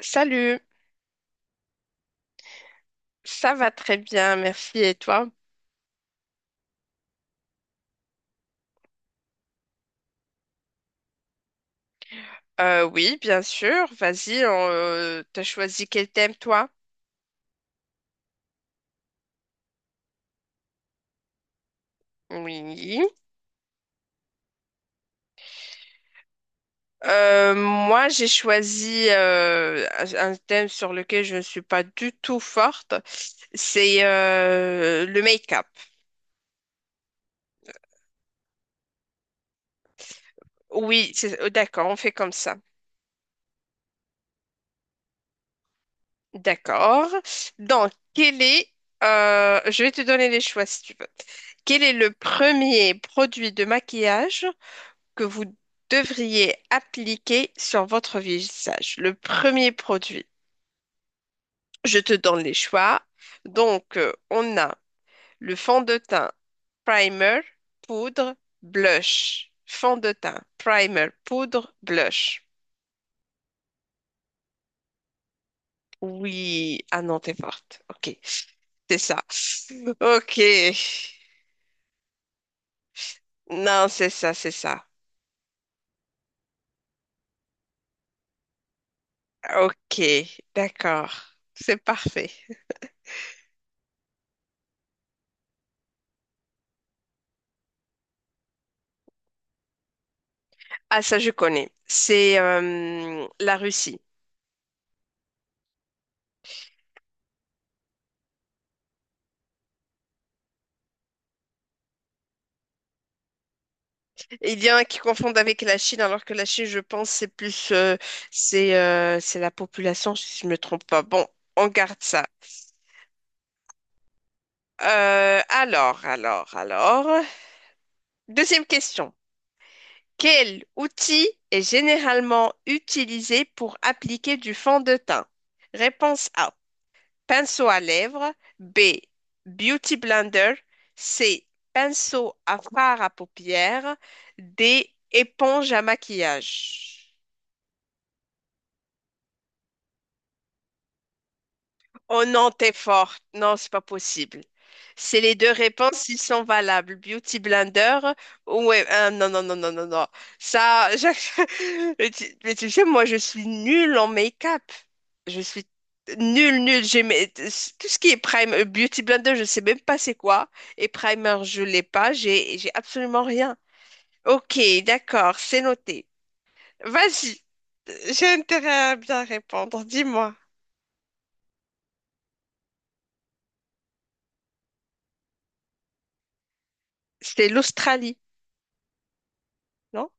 Salut, ça va très bien, merci. Et toi? Oui, bien sûr. Vas-y, on, t'as choisi quel thème, toi? Oui. Moi, j'ai choisi un thème sur lequel je ne suis pas du tout forte. C'est le make-up. Oui, d'accord, on fait comme ça. D'accord. Donc, quel est... je vais te donner les choix si tu veux. Quel est le premier produit de maquillage que vous devriez appliquer sur votre visage? Le premier produit, je te donne les choix. Donc, on a le fond de teint, primer, poudre, blush. Fond de teint, primer, poudre, blush. Oui, ah non, t'es forte. Ok, c'est ça. Ok, non, c'est ça, c'est ça. Ok, d'accord, c'est parfait. Ah, ça, je connais. C'est la Russie. Il y en a qui confondent avec la Chine, alors que la Chine, je pense, c'est plus, c'est la population, si je ne me trompe pas. Bon, on garde ça. Alors. Deuxième question. Quel outil est généralement utilisé pour appliquer du fond de teint? Réponse A, pinceau à lèvres. B, beauty blender. C, pinceau à fard à paupières. D, éponge à maquillage. Oh non, t'es forte. Non, c'est pas possible. C'est les deux réponses, ils sont valables. Beauty Blender, ouais, non, non, non, non, non, non. Ça, mais tu sais, moi, je suis nulle en make-up. Je suis nulle, nulle. Tout ce qui est prime, Beauty Blender, je sais même pas c'est quoi. Et primer, je l'ai pas. J'ai absolument rien. Ok, d'accord, c'est noté. Vas-y, j'ai intérêt à bien répondre. Dis-moi, c'était l'Australie, non?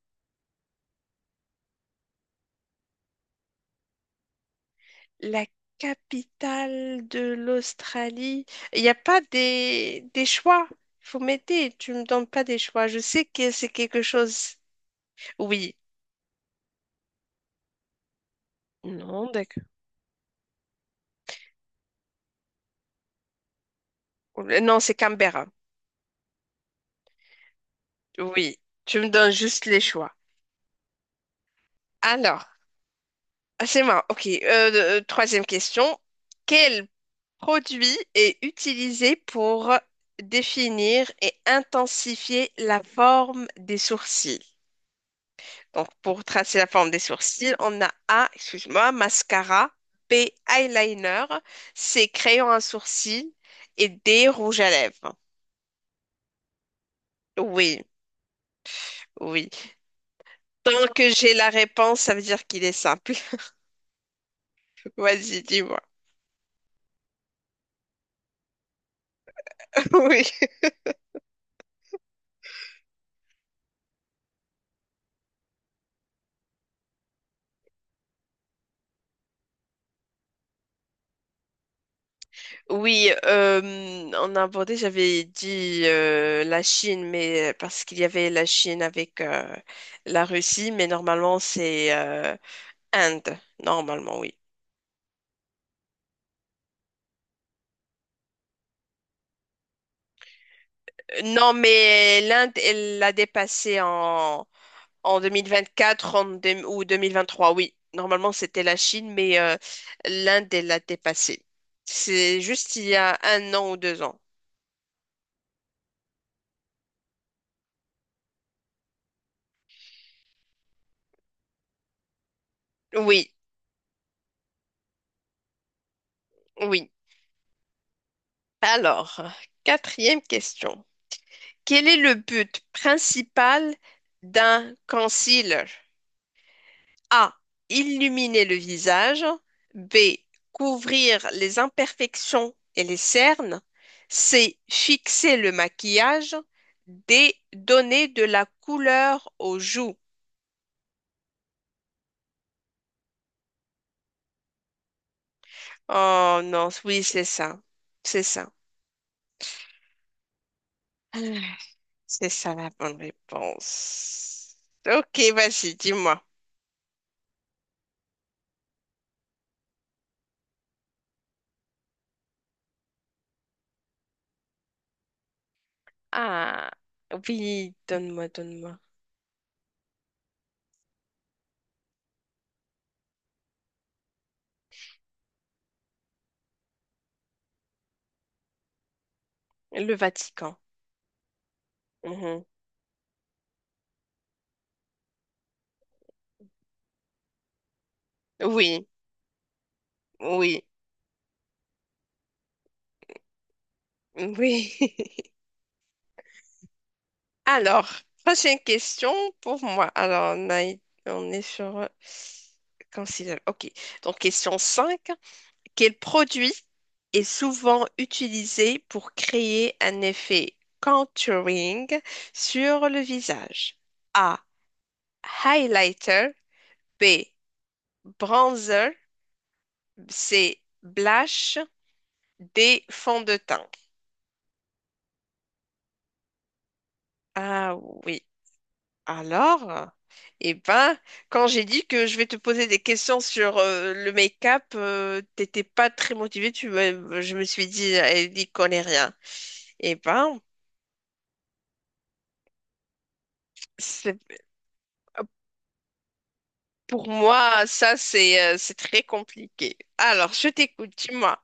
La capitale de l'Australie. Il n'y a pas des choix. Faut m'aider. Tu me donnes pas des choix. Je sais que c'est quelque chose. Oui. Non, d'accord. Non, c'est Canberra. Oui. Tu me donnes juste les choix. Alors, ah, c'est moi. OK. Troisième question. Quel produit est utilisé pour définir et intensifier la forme des sourcils? Donc, pour tracer la forme des sourcils, on a A, excuse-moi, mascara, B, eyeliner, C, crayon à sourcils et D, rouge à lèvres. Oui, oui. Tant que j'ai la réponse, ça veut dire qu'il est simple. Vas-y, dis-moi. Oui. Oui, on a abordé, j'avais dit la Chine, mais parce qu'il y avait la Chine avec la Russie, mais normalement c'est Inde, normalement, oui. Non, mais l'Inde, elle l'a dépassé en 2024 en ou 2023, oui. Normalement, c'était la Chine, mais l'Inde, elle l'a dépassé. C'est juste il y a un an ou deux ans. Oui, oui. Alors, quatrième question. Quel est le but principal d'un concile? A. Illuminer le visage. B. Couvrir les imperfections et les cernes. C. Fixer le maquillage. D. Donner de la couleur aux joues. Oh non, oui, c'est ça. C'est ça. C'est ça la bonne réponse. Ok, vas-y, dis-moi. Ah, oui, donne-moi, donne-moi. Le Vatican. Mhm. Oui, oui, oui. Alors, prochaine question pour moi. Alors, on est sur... considère- Ok. Donc, question 5. Quel produit est souvent utilisé pour créer un effet contouring sur le visage? A. Highlighter. B. Bronzer. C. Blush. D. Fond de teint. Ah oui. Alors, eh ben, quand j'ai dit que je vais te poser des questions sur le make-up, t'étais pas très motivé. Je me suis dit, elle n'y connaît rien. Eh ben, c'est- pour moi, ça, c'est très compliqué. Alors, je t'écoute, dis-moi.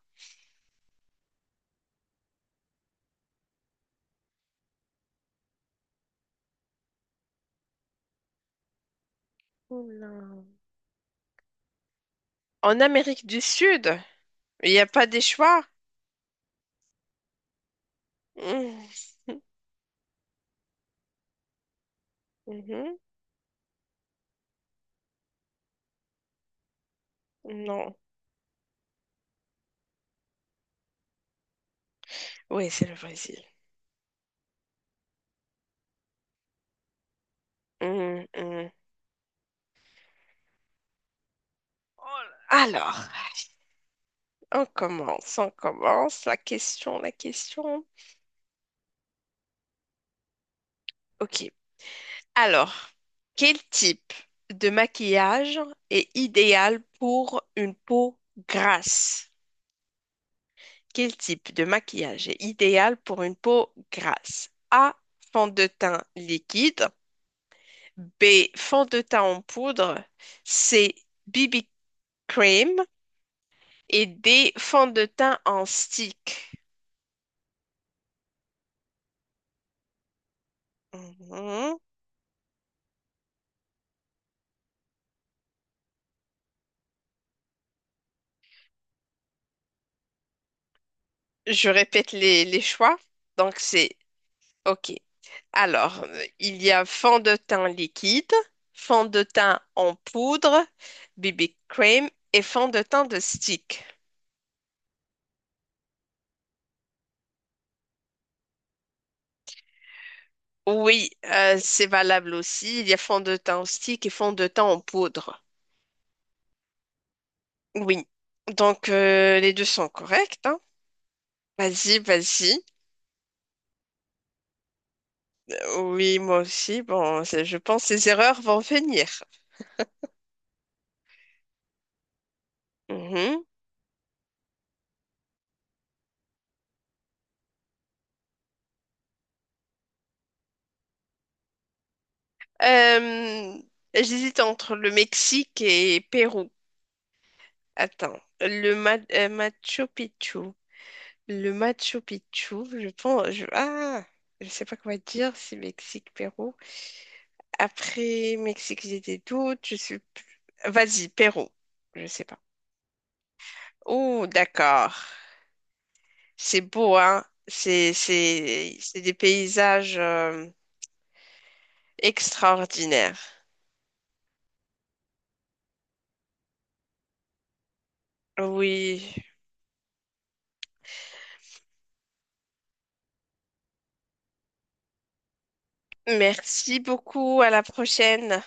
Oula. En Amérique du Sud, il n'y a pas des choix? Mmh. Mhm. Non. Oui, c'est le Brésil. Mmh, mmh. Oh Alors. On commence, on commence. La question, la question. Ok. Alors, quel type de maquillage est idéal pour une peau grasse? Quel type de maquillage est idéal pour une peau grasse? A, fond de teint liquide. B, fond de teint en poudre. C, BB cream. Et D, fond de teint en stick. Mhm. Je répète les choix. Donc, c'est OK. Alors, il y a fond de teint liquide, fond de teint en poudre, BB cream et fond de teint de stick. Oui, c'est valable aussi. Il y a fond de teint en stick et fond de teint en poudre. Oui. Donc, les deux sont corrects, hein. Vas-y, vas-y. Oui, moi aussi. Bon, je pense que ces erreurs vont venir. Mhm. Euh, j'hésite entre le Mexique et Pérou. Attends, Machu Picchu. Le Machu Picchu, je pense. Ah, je sais pas quoi dire, c'est Mexique, Pérou. Après Mexique, j'ai des doutes. Vas-y, Pérou. Je sais pas. Oh, d'accord. C'est beau, hein? C'est des paysages extraordinaires. Oui. Merci beaucoup. À la prochaine.